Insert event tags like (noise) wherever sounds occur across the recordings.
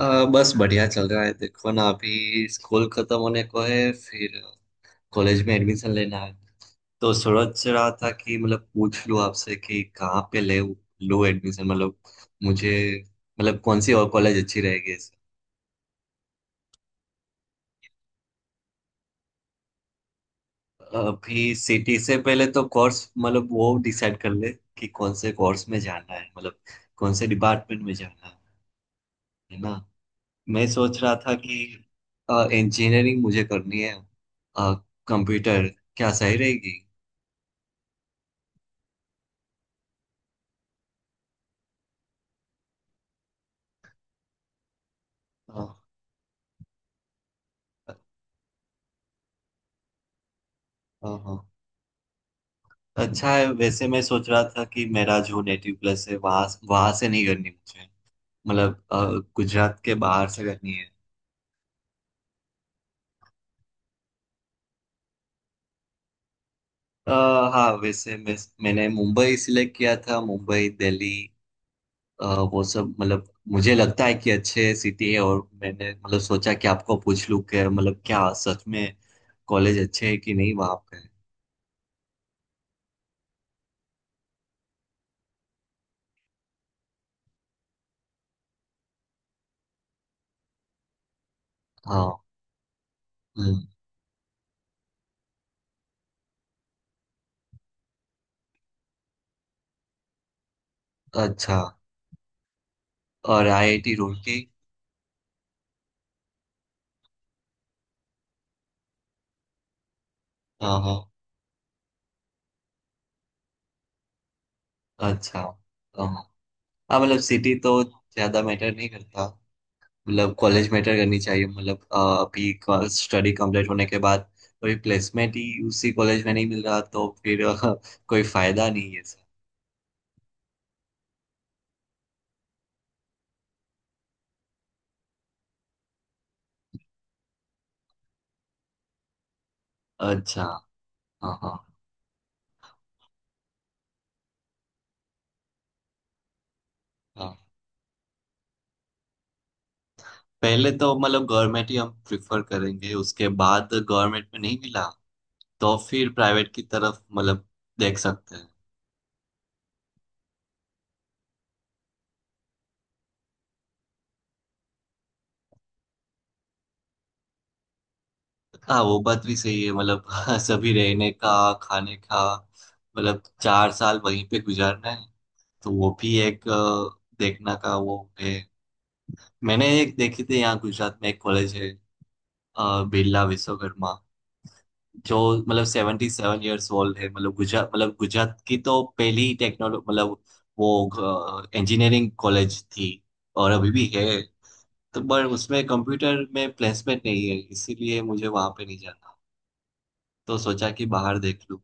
बस बढ़िया चल रहा है, देखो ना। अभी स्कूल खत्म होने को है, फिर कॉलेज में एडमिशन लेना है। तो सोच रहा था कि मतलब पूछ लूँ आपसे कि कहाँ पे ले लूँ एडमिशन, मतलब मुझे, मतलब कौन सी और कॉलेज अच्छी रहेगी। अभी सिटी से पहले तो कोर्स, मतलब वो डिसाइड कर ले कि कौन से कोर्स में जाना है, मतलब कौन से डिपार्टमेंट में जाना है ना। मैं सोच रहा था कि इंजीनियरिंग मुझे करनी है। कंप्यूटर क्या सही रहेगी? हाँ, हाँ, हाँ। अच्छा है। वैसे मैं सोच रहा था कि मेरा जो नेटिव प्लेस है वहां, वहां से नहीं करनी मुझे। मतलब गुजरात के बाहर से करनी है। अ, हाँ, वैसे मैंने मुंबई सिलेक्ट किया था, मुंबई, दिल्ली। अ, वो सब, मतलब मुझे लगता है कि अच्छे सिटी है, और मैंने मतलब सोचा कि आपको पूछ लूँ कि मतलब क्या सच में कॉलेज अच्छे है कि नहीं वहाँ पे। हाँ। हम्म, अच्छा। और आईआईटी रुड़की? हाँ, हाँ। अच्छा। हाँ, हाँ, मतलब सिटी तो ज्यादा मैटर नहीं करता। मतलब कॉलेज मैटर करनी चाहिए, मतलब अभी स्टडी कंप्लीट होने के बाद कोई प्लेसमेंट ही उसी कॉलेज में नहीं मिल रहा तो फिर (laughs) कोई फायदा नहीं है सर। अच्छा। हाँ, हाँ, हाँ। पहले तो मतलब गवर्नमेंट ही हम प्रिफर करेंगे, उसके बाद गवर्नमेंट में नहीं मिला तो फिर प्राइवेट की तरफ मतलब देख सकते हैं। हाँ, वो बात भी सही है मतलब (laughs) सभी रहने का, खाने का, मतलब चार साल वहीं पे गुजारना है, तो वो भी एक देखना का वो है। मैंने एक देखी थी, यहाँ गुजरात में एक कॉलेज है, बिरला विश्वकर्मा, जो मतलब 77 ईयर्स ओल्ड है, मतलब गुजरात, मतलब गुजरात की तो पहली टेक्नोलॉजी, मतलब वो इंजीनियरिंग कॉलेज थी और अभी भी है। तो पर उसमें कंप्यूटर में प्लेसमेंट नहीं है, इसीलिए मुझे वहां पे नहीं जाना। तो सोचा कि बाहर देख लूँ।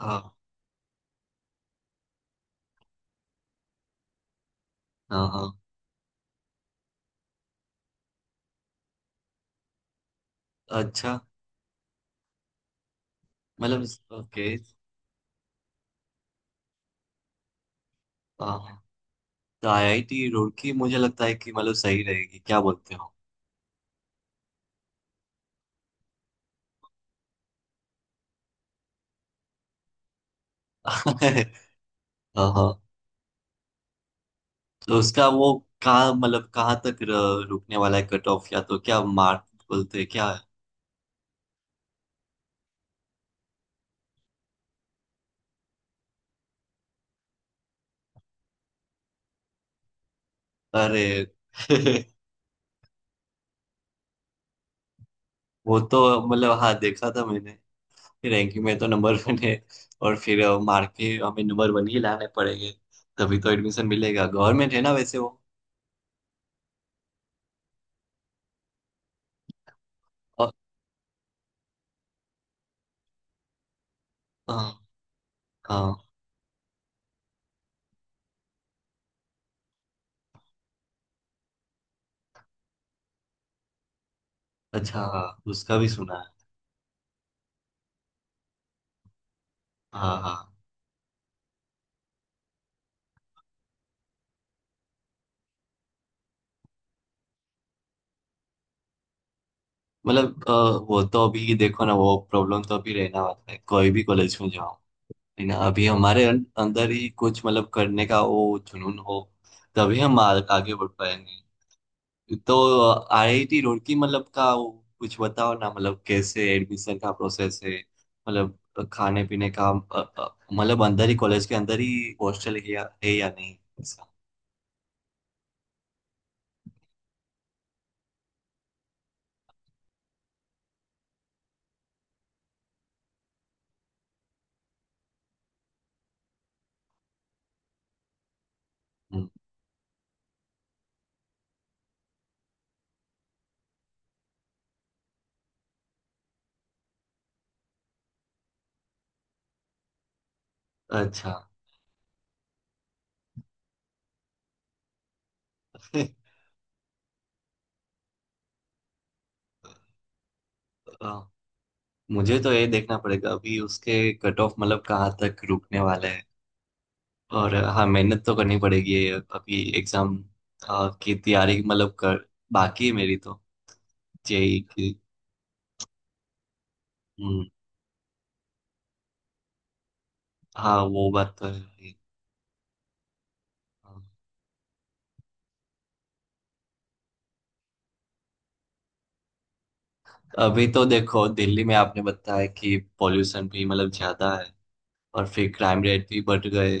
हाँ, हाँ, हाँ। अच्छा, मतलब। ओके। हाँ, हाँ। तो आईआईटी रुड़की मुझे लगता है कि मतलब सही रहेगी, क्या बोलते हो? (laughs) हाँ, हाँ। तो उसका वो, कहाँ मतलब कहाँ तक रुकने वाला है कट ऑफ, या तो क्या मार्क बोलते हैं क्या? अरे (laughs) वो तो, मतलब हाँ, देखा था मैंने। रैंकिंग में तो नंबर 1 है। और फिर मार्क के हमें नंबर 1 ही लाने पड़ेंगे, तभी तो एडमिशन मिलेगा। गवर्नमेंट है ना वैसे वो अ- हाँ, हाँ। अच्छा। हाँ, उसका भी सुना है। हाँ, हाँ, मतलब वो तो अभी देखो ना, वो प्रॉब्लम तो अभी रहना वाला है कोई भी कॉलेज में जाओ। है ना। अभी हमारे अंदर ही कुछ, मतलब करने का वो जुनून हो, तभी हम आगे बढ़ पाएंगे। तो आईआईटी रुड़की मतलब का वो, कुछ बताओ ना मतलब कैसे एडमिशन का प्रोसेस है, मतलब खाने पीने का मतलब अंदर ही, कॉलेज के अंदर ही हॉस्टल है या नहीं ऐसा? हम्म, अच्छा। (laughs) अ, मुझे तो ये देखना पड़ेगा अभी उसके कट ऑफ, मतलब कहाँ तक रुकने वाला है। और हाँ, मेहनत तो करनी पड़ेगी ये। अभी एग्जाम की तैयारी मतलब कर बाकी है मेरी तो, जेई की। हम्म, हाँ, वो बात तो है ही। अभी तो देखो, दिल्ली में आपने बताया कि पॉल्यूशन भी मतलब ज्यादा है, और फिर क्राइम रेट भी बढ़ गए।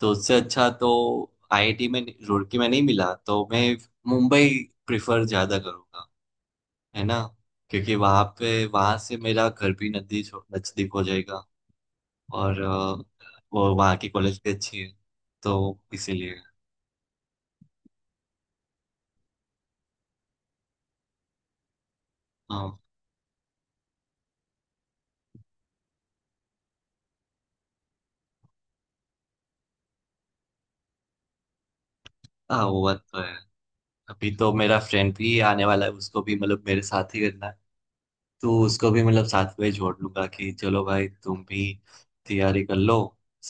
तो उससे अच्छा तो आईआईटी में, रुड़की में नहीं मिला तो मैं मुंबई प्रिफर ज्यादा करूँगा, है ना। क्योंकि वहां पे, वहां से मेरा घर भी नजदीक हो जाएगा। और वो वहाँ की कॉलेज भी अच्छी है, तो इसीलिए। हाँ, हाँ, वो बात तो है। अभी तो मेरा फ्रेंड भी आने वाला है, उसको भी मतलब मेरे साथ ही करना है, तो उसको भी मतलब साथ में जोड़ लूंगा कि चलो भाई तुम भी तैयारी कर लो,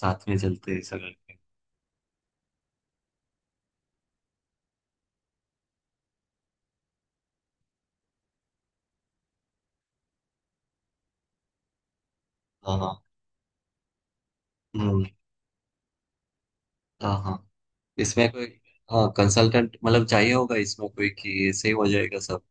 साथ में चलते हैं ऐसा करके। हाँ, हाँ। हम्म, हाँ, हाँ। इसमें कोई, हाँ, कंसल्टेंट मतलब चाहिए होगा इसमें कोई, कि ऐसे ही हो जाएगा सब?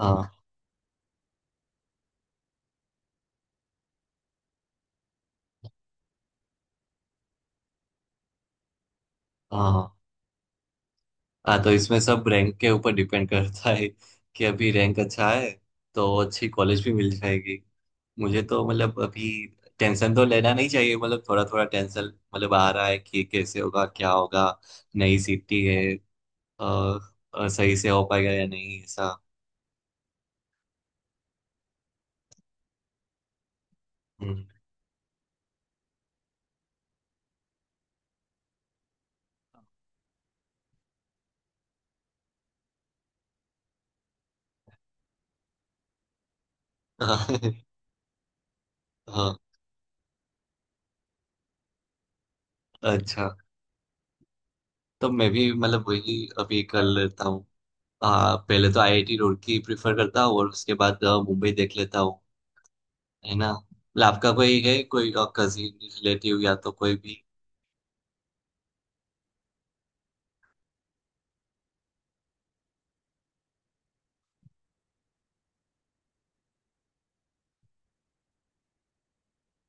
हाँ, हाँ, हाँ। हाँ, तो इसमें सब रैंक के ऊपर डिपेंड करता है। कि अभी रैंक अच्छा है, तो अच्छी कॉलेज भी मिल जाएगी। मुझे तो मतलब अभी टेंशन तो लेना नहीं चाहिए, मतलब थोड़ा थोड़ा टेंशन मतलब आ रहा है कि कैसे होगा क्या होगा। नई सिटी है, अ, सही से हो पाएगा या नहीं ऐसा। हम्म। (laughs) हाँ, अच्छा। तो मैं भी मतलब वही अभी कर लेता हूँ। हाँ, पहले तो आईआईटी रुड़की प्रिफर करता हूँ, और उसके बाद मुंबई देख लेता हूँ। है ना। मतलब आपका कोई है, कोई कजिन रिलेटिव या तो कोई भी?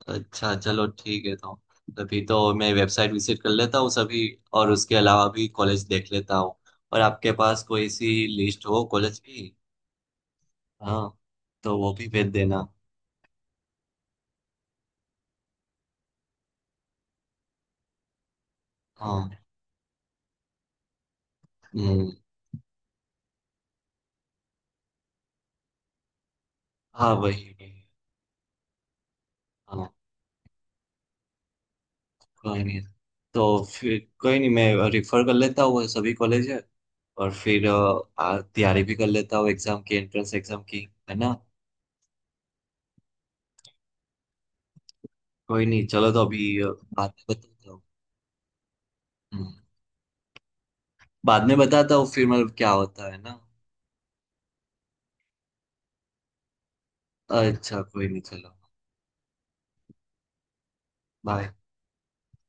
अच्छा, चलो ठीक है। तो अभी तो मैं वेबसाइट विजिट कर लेता हूँ सभी, और उसके अलावा भी कॉलेज देख लेता हूँ। और आपके पास कोई सी लिस्ट हो कॉलेज की? हाँ, तो वो भी भेज देना। हाँ। हम्म, हाँ, वही वही, हाँ। कोई नहीं, तो फिर कोई नहीं, मैं रिफर कर लेता हूँ वो सभी कॉलेज है। और फिर तैयारी भी कर लेता हूँ एग्जाम की, एंट्रेंस एग्जाम की, है ना। कोई नहीं चलो। तो अभी बाद में बताता हूँ। हम्म, बाद में बताता हूँ फिर मतलब क्या होता है ना। अच्छा, कोई नहीं, चलो। बाय।